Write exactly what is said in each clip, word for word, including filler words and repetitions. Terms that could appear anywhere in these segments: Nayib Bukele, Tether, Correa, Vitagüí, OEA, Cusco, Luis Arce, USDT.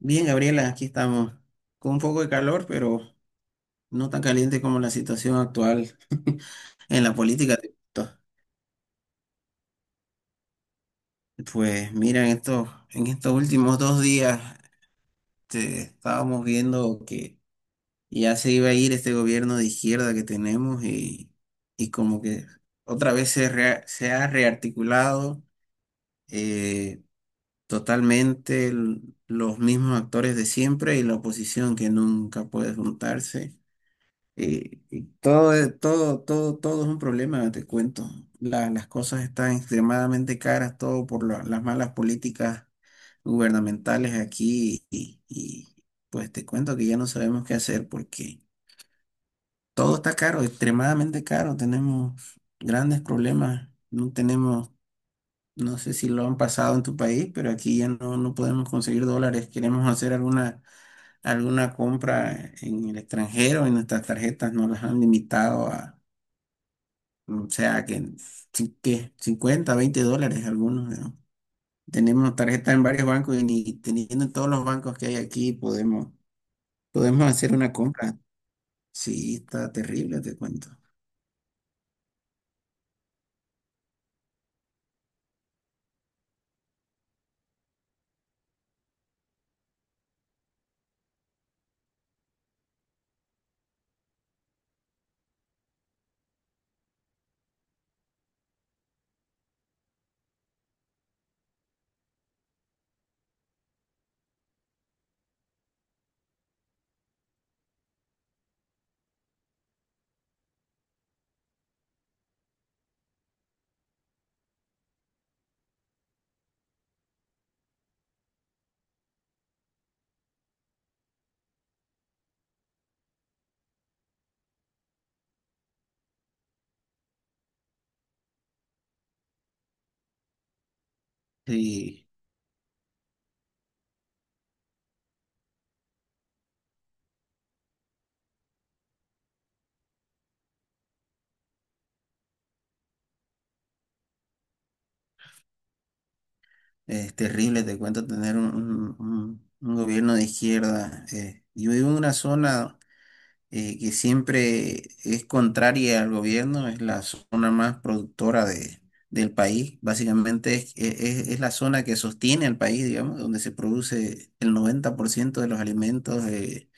Bien, Gabriela, aquí estamos con un poco de calor, pero no tan caliente como la situación actual en la política. Pues mira, en estos, en estos últimos dos días este, estábamos viendo que ya se iba a ir este gobierno de izquierda que tenemos y, y como que otra vez se, rea- se ha rearticulado eh, totalmente el- los mismos actores de siempre y la oposición que nunca puede juntarse. Eh, y todo, es- todo, todo, todo es un problema, te cuento. La- las cosas están extremadamente caras, todo por la- las malas políticas gubernamentales aquí y, y, pues te cuento que ya no sabemos qué hacer porque todo está caro, extremadamente caro. Tenemos grandes problemas, no tenemos, no sé si lo han pasado en tu país, pero aquí ya no, no podemos conseguir dólares. Queremos hacer alguna, alguna compra en el extranjero y nuestras tarjetas nos las han limitado a, o sea, que sí, que cincuenta, veinte dólares algunos, ¿no? Tenemos tarjeta en varios bancos y ni teniendo en todos los bancos que hay aquí podemos, podemos hacer una compra. Sí, está terrible, te cuento. Sí, es terrible, te cuento, tener un, un- un- un gobierno de izquierda. eh. Yo vivo en una zona eh, que siempre es contraria al gobierno, es la zona más productora de, del país. Básicamente es, es- es la zona que sostiene al país, digamos, donde se produce el noventa por ciento de los alimentos eh,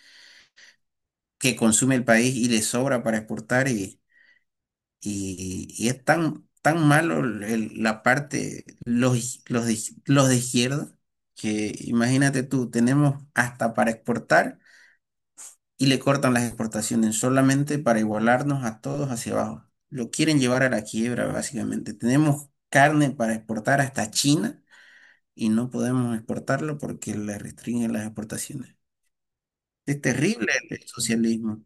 que consume el país y le sobra para exportar. Y, y- y es tan, tan malo el- el- la parte, los, los, de- los de izquierda, que imagínate tú, tenemos hasta para exportar. Y le cortan las exportaciones solamente para igualarnos a todos hacia abajo. Lo quieren llevar a la quiebra, básicamente. Tenemos carne para exportar hasta China y no podemos exportarlo porque le restringen las exportaciones. Es terrible el socialismo.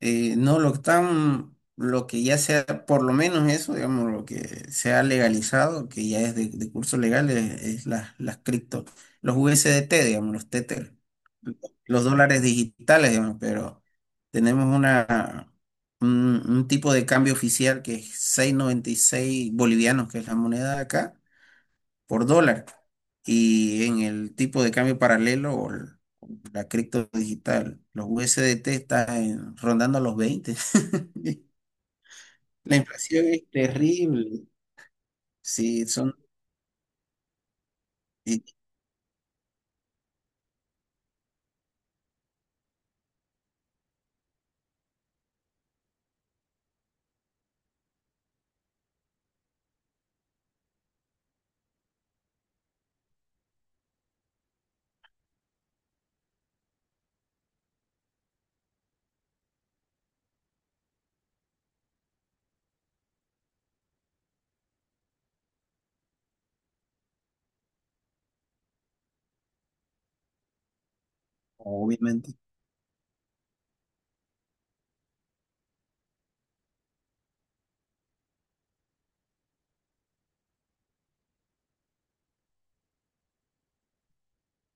Eh, no, lo que están, lo que ya sea, por lo menos eso, digamos, lo que se ha legalizado, que ya es de, de curso legal, es, es las, las cripto, los U S D T digamos, los Tether, los dólares digitales, digamos, pero tenemos una, un, un tipo de cambio oficial que es seis noventa y seis bolivianos, que es la moneda de acá, por dólar. Y en el tipo de cambio paralelo o el- la cripto digital, los U S D T están en- rondando los veinte. La inflación es terrible. Sí, son, y obviamente.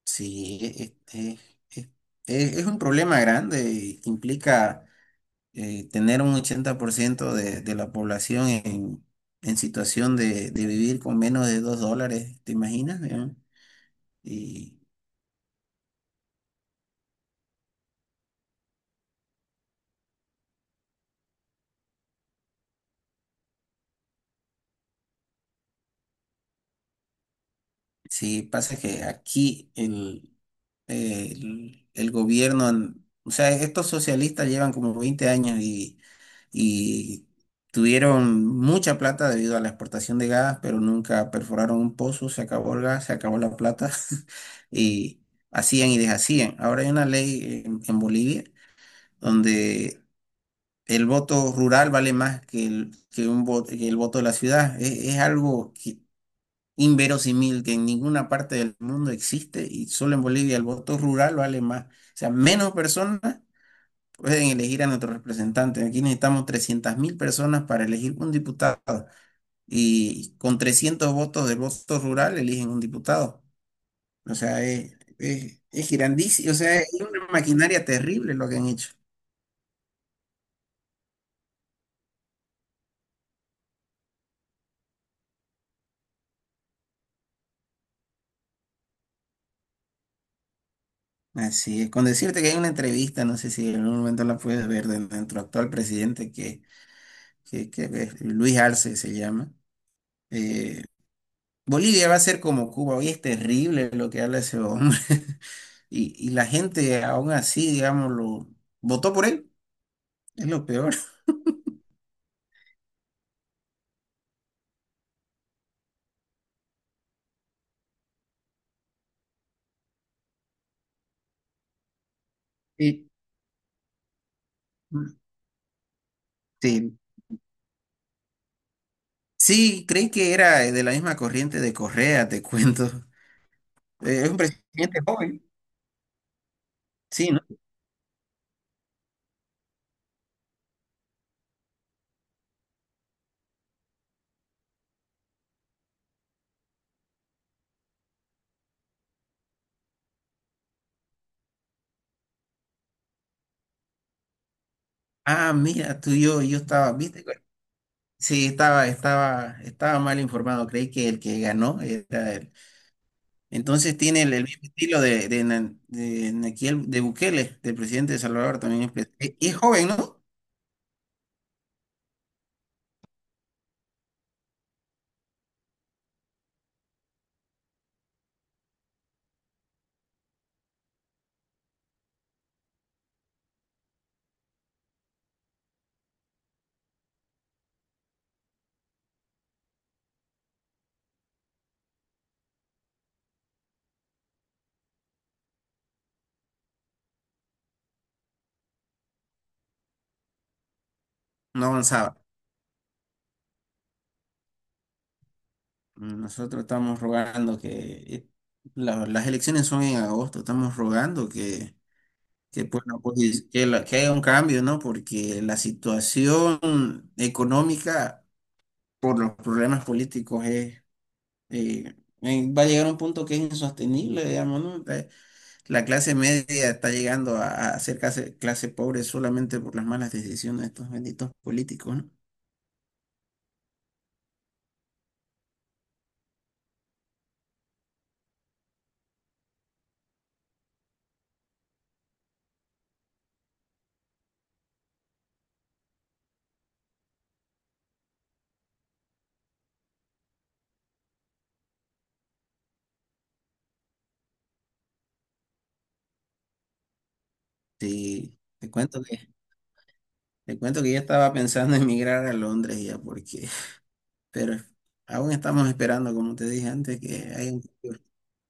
Sí, es, es- es- es- es un problema grande. y Implica eh, tener un ochenta por ciento de, de la población en, en situación de, de vivir con menos de dos dólares, ¿te imaginas? ¿No? Y sí, pasa que aquí el, el, el gobierno, o sea, estos socialistas llevan como veinte años y, y tuvieron mucha plata debido a la exportación de gas, pero nunca perforaron un pozo, se acabó el gas, se acabó la plata y hacían y deshacían. Ahora hay una ley en, en Bolivia donde el voto rural vale más que el, que un voto, que el voto de la ciudad. Es, es Algo que inverosímil que en ninguna parte del mundo existe y solo en Bolivia el voto rural vale más. O sea, menos personas pueden elegir a nuestro representante. Aquí necesitamos trescientas mil personas para elegir un diputado y con trescientos votos del voto rural eligen un diputado. O sea, es, es, es grandísimo. O sea, es una maquinaria terrible lo que han hecho. Así es, con decirte que hay una entrevista, no sé si en algún momento la puedes ver, de nuestro actual presidente, que, que, que es Luis Arce se llama. Eh, Bolivia va a ser como Cuba, hoy es terrible lo que habla ese hombre. Y, y la gente aún así, digamos, lo votó por él, es lo peor. Sí. Sí, sí, creí que era de la misma corriente de Correa, te cuento. Eh, es un presidente joven, sí, ¿no? Ah, mira, tú y yo, yo estaba, ¿viste? Güey. Sí, estaba, estaba, estaba mal informado, creí que el que ganó era él. Entonces tiene el, el mismo estilo de, de, Na- de Nayib de Bukele, del presidente de Salvador, también es, pre- e- es joven, ¿no? No avanzaba. Nosotros estamos rogando que eh, la- las elecciones son en agosto, estamos rogando que, que, bueno, pues, que, la- que haya un cambio, ¿no? Porque la situación económica por los problemas políticos es, eh, eh, va a llegar a un punto que es insostenible, digamos, ¿no? Eh, La clase media está llegando a, a ser clase, clase pobre solamente por las malas decisiones de estos benditos políticos, ¿no? Sí, te cuento que, te cuento que ya estaba pensando en emigrar a Londres ya, porque pero aún estamos esperando, como te dije antes, que hay,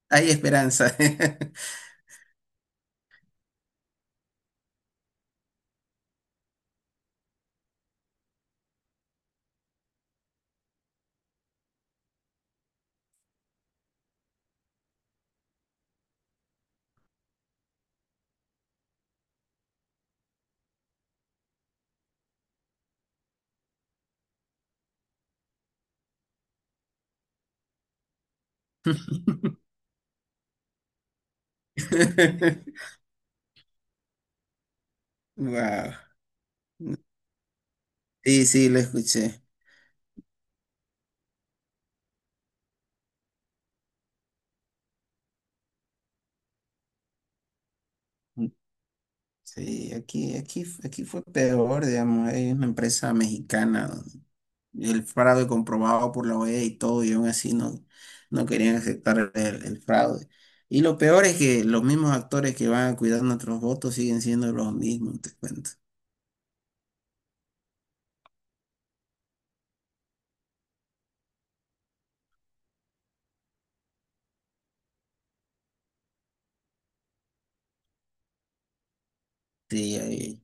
hay esperanza. Wow. Sí, sí, lo escuché. Sí, aquí, aquí, aquí fue peor, digamos, hay una empresa mexicana, el fraude comprobado por la O E A y todo, y aún así no, no querían aceptar el, el fraude. Y lo peor es que los mismos actores que van a cuidar nuestros votos siguen siendo los mismos, te cuento. Sí, hay,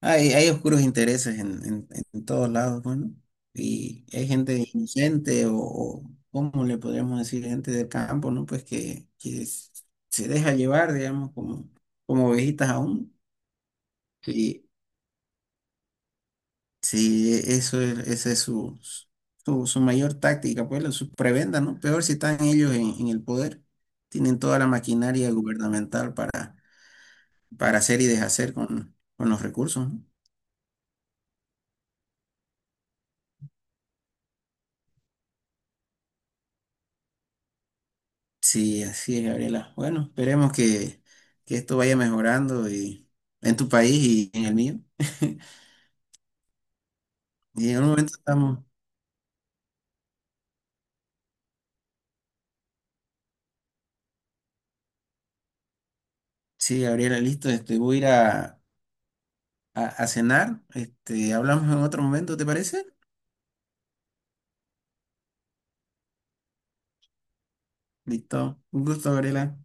hay, hay oscuros intereses en, en, en todos lados. Bueno, y hay gente inocente o, o, ¿cómo le podríamos decir? Gente del campo, ¿no? Pues que, que s- se deja llevar, digamos, como, como ovejitas aún. Sí. Sí, e- eso es, esa es su, su, su mayor táctica, pues, su prebenda, ¿no? Peor si están ellos en, en el poder. Tienen toda la maquinaria gubernamental para, para hacer y deshacer con, con los recursos, ¿no? Sí, así es, Gabriela. Bueno, esperemos que, que esto vaya mejorando, y, en tu país y en el mío. Y en un momento estamos. Sí, Gabriela, listo. Este, voy a ir a, a, a cenar. Este, hablamos en otro momento, ¿te parece? Listo. Un gusto, Gabriela.